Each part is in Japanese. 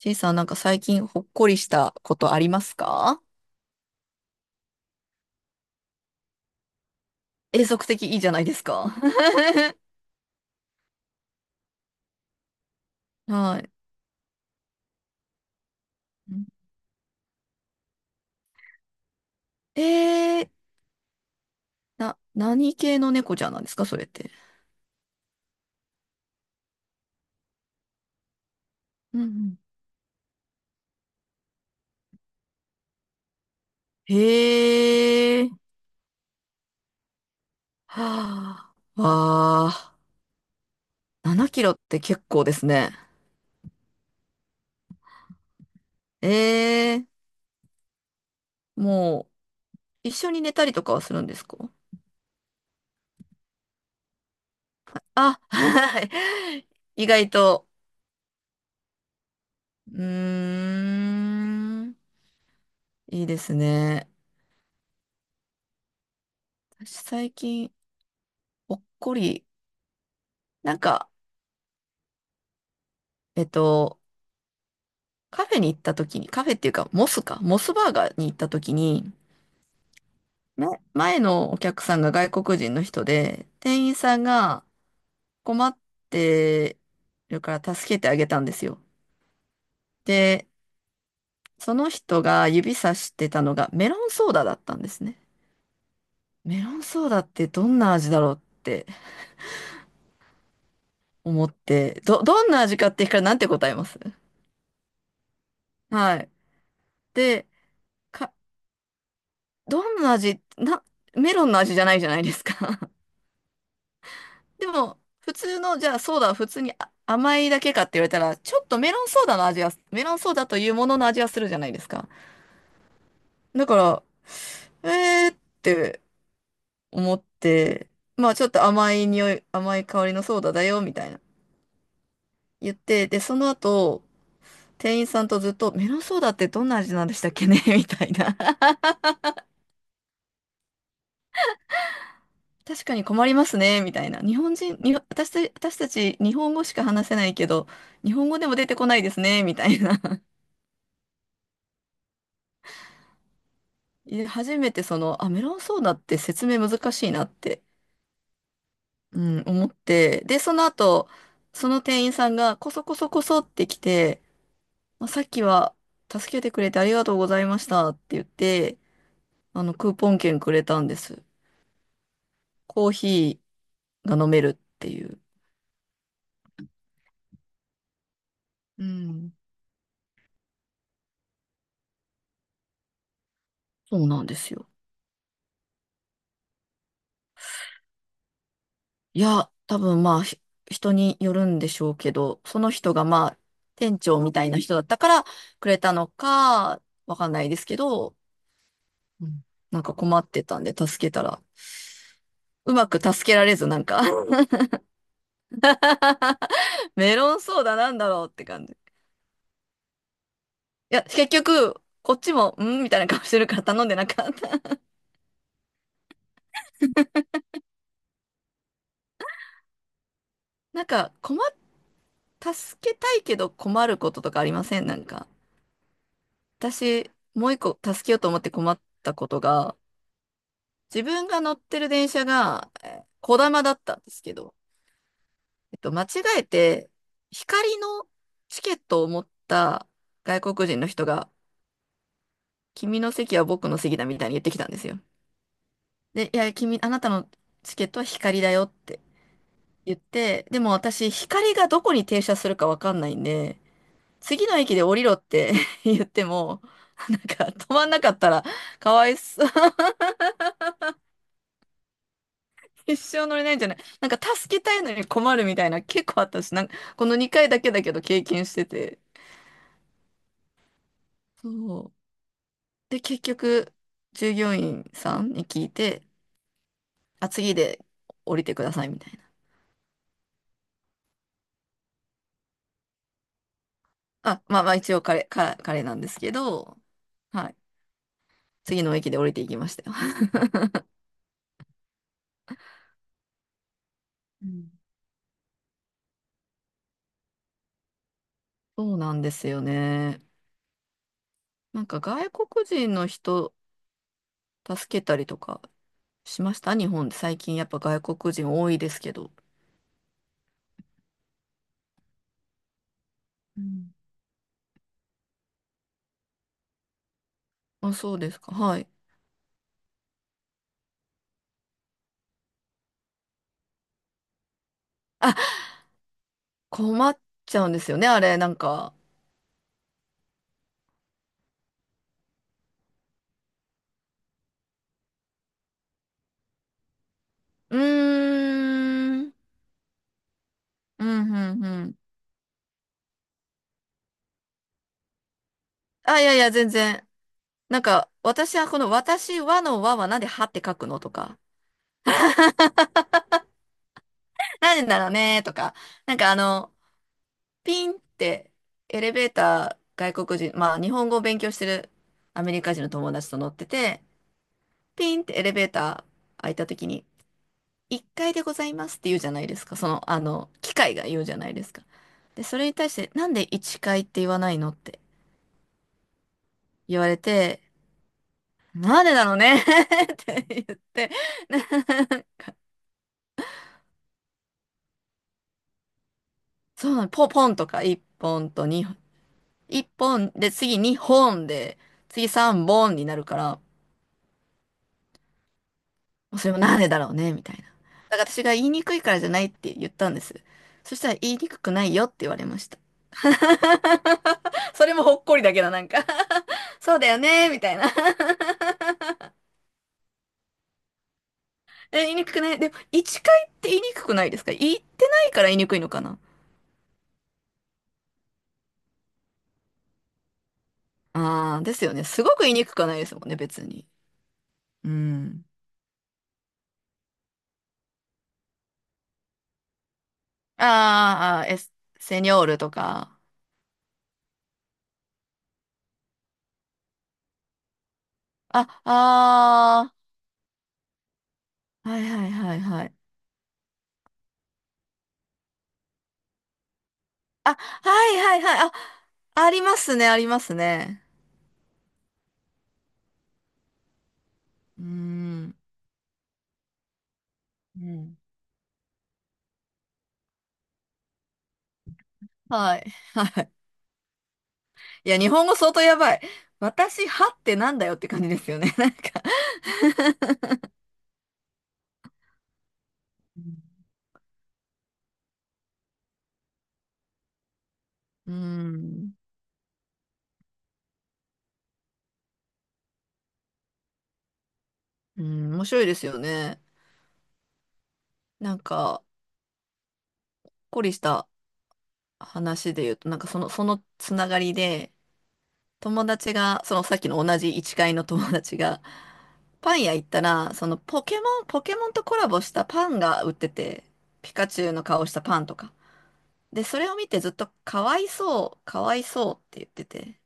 ちいさん、なんか最近ほっこりしたことありますか？永続的いいじゃないですか。はい。えー、何系の猫ちゃんなんですかそれって？うんうん。へー。はあ。わあ。7キロって結構ですね。えー、もう、一緒に寝たりとかはするんですか？あ、はい。意外と。うーん。いいですね。私最近、ほっこり。なんか、えっと、カフェに行った時に、カフェっていうか、モスか、モスバーガーに行った時に、ね、前のお客さんが外国人の人で、店員さんが困ってるから助けてあげたんですよ。で、その人が指さしてたのがメロンソーダだったんですね。メロンソーダってどんな味だろうって思って、どんな味かって聞かれなんて答えます？はい。で、か、どんな味、メロンの味じゃないじゃないですか。でも、普通の、じゃあソーダは普通にあ甘いだけかって言われたら、ちょっとメロンソーダの味は、メロンソーダというものの味はするじゃないですか。だから、えーって思って、まあちょっと甘い匂い、甘い香りのソーダだよ、みたいな言って、で、その後、店員さんとずっと、メロンソーダってどんな味なんでしたっけね みたいな。確かに困りますね、みたいな。日本人、私たち日本語しか話せないけど、日本語でも出てこないですね、みたいな。で初めてその、あ、メロンソーダって説明難しいなって、うん、思って、で、その後、その店員さんがこそこそこそって来て、まあ、さっきは助けてくれてありがとうございましたって言って、あの、クーポン券くれたんです。コーヒーが飲めるっていう。うん。そうなんですよ。いや、多分まあ、人によるんでしょうけど、その人がまあ、店長みたいな人だったからくれたのか、わかんないですけど、うん、なんか困ってたんで助けたら、うまく助けられず、なんか メロンソーダなんだろうって感じ。いや、結局、こっちも、んみたいな顔してるから頼んでなかった。なんか、助けたいけど困ることとかありません？なんか。私、もう一個助けようと思って困ったことが、自分が乗ってる電車が、こだまだったんですけど、間違えて、光のチケットを持った外国人の人が、君の席は僕の席だみたいに言ってきたんですよ。で、いや、あなたのチケットは光だよって言って、でも私、光がどこに停車するかわかんないんで、次の駅で降りろって 言っても、なんか止まんなかったらかわいそう。一生乗れないんじゃない？なんか助けたいのに困るみたいな結構あったし、なんかこの2回だけだけど経験してて。そう。で、結局、従業員さんに聞いて、あ、次で降りてくださいみたいな。あ、まあまあ一応彼、か彼なんですけど、はい。次の駅で降りていきましたよ。うん。そうなんですよね。なんか外国人の人助けたりとかしました？日本で最近やっぱ外国人多いですけど。うん。あ、そうですか。はい。あ、困っちゃうんですよね、あれ。なんか。うーん。うん、うん、うん。あ、いやいや、全然。なんか、私はこの、私はの和はなんではって書くのとか、なんでだろうねとか、なんかあの、ピンってエレベーター外国人、まあ日本語を勉強してるアメリカ人の友達と乗ってて、ピンってエレベーター開いた時に、1階でございますって言うじゃないですか。その、あの、機械が言うじゃないですか。で、それに対して、なんで1階って言わないのって言われて、なんでだろうね って言って、そうなの、ポポンとか1本と2本、1本で次2本で、次3本になるから、それもなんでだろうね、みたいな。だから私が言いにくいからじゃないって言ったんです。そしたら言いにくくないよって言われました。それもほっこりだけど、なんか そうだよね、みたいな。 え、言いにくくない。でも、一回って言いにくくないですか？言ってないから言いにくいのかな。ああ、ですよね。すごく言いにくくはないですもんね、別に。うん。あーあー、え、セニョールとか。あ、ああ、はいはいはいはい。あ、はいはいはい。あ、ありますね、ありますね。うーん。うん。はい。いや、日本語相当やばい。私、はってなんだよって感じですよね。なんか。うん。うん。ん、面白いですよね。なんか、こりした話で言うと、なんかその、そのつながりで、友達が、そのさっきの同じ一階の友達が、パン屋行ったら、そのポケモン、ポケモンとコラボしたパンが売ってて、ピカチュウの顔したパンとか。で、それを見てずっとかわいそう、かわいそうって言ってて。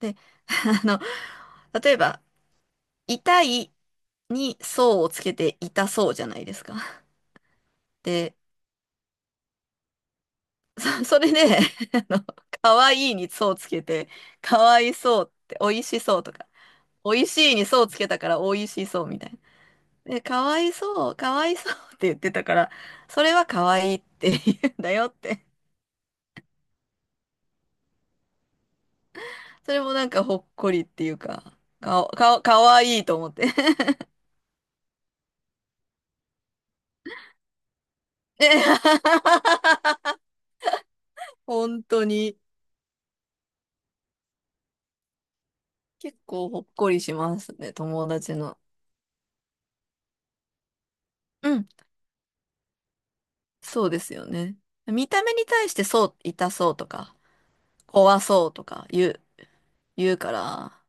で、あの、例えば、痛いにそうをつけて痛そうじゃないですか。で、それで、あの、かわいいにそうつけて、かわいそうって美味しそうとか、美味しいにそうつけたから美味しそうみたいな。で、かわいそう、かわいそうって言ってたから、それはかわいいって言うんだよって。それもなんかほっこりっていうか、かわいいと思って。本当に結構ほっこりしますね、友達の。うん、そうですよね。見た目に対してそう、痛そうとか、怖そうとか言うから、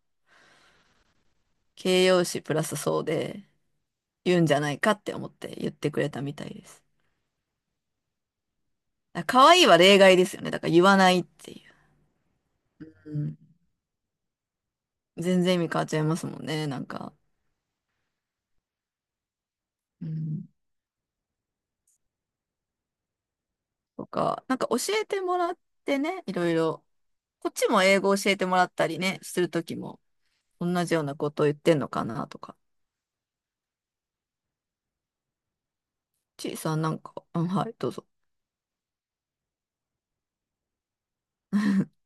形容詞プラスそうで言うんじゃないかって思って言ってくれたみたいです。だから可愛いは例外ですよね。だから言わないっていう。うん、全然意味変わっちゃいますもんね、なんか。うんとか、なんか教えてもらってね、いろいろ。こっちも英語教えてもらったりね、するときも。同じようなことを言ってんのかなとか。ちいさんなんか、うん、はい、どうぞ。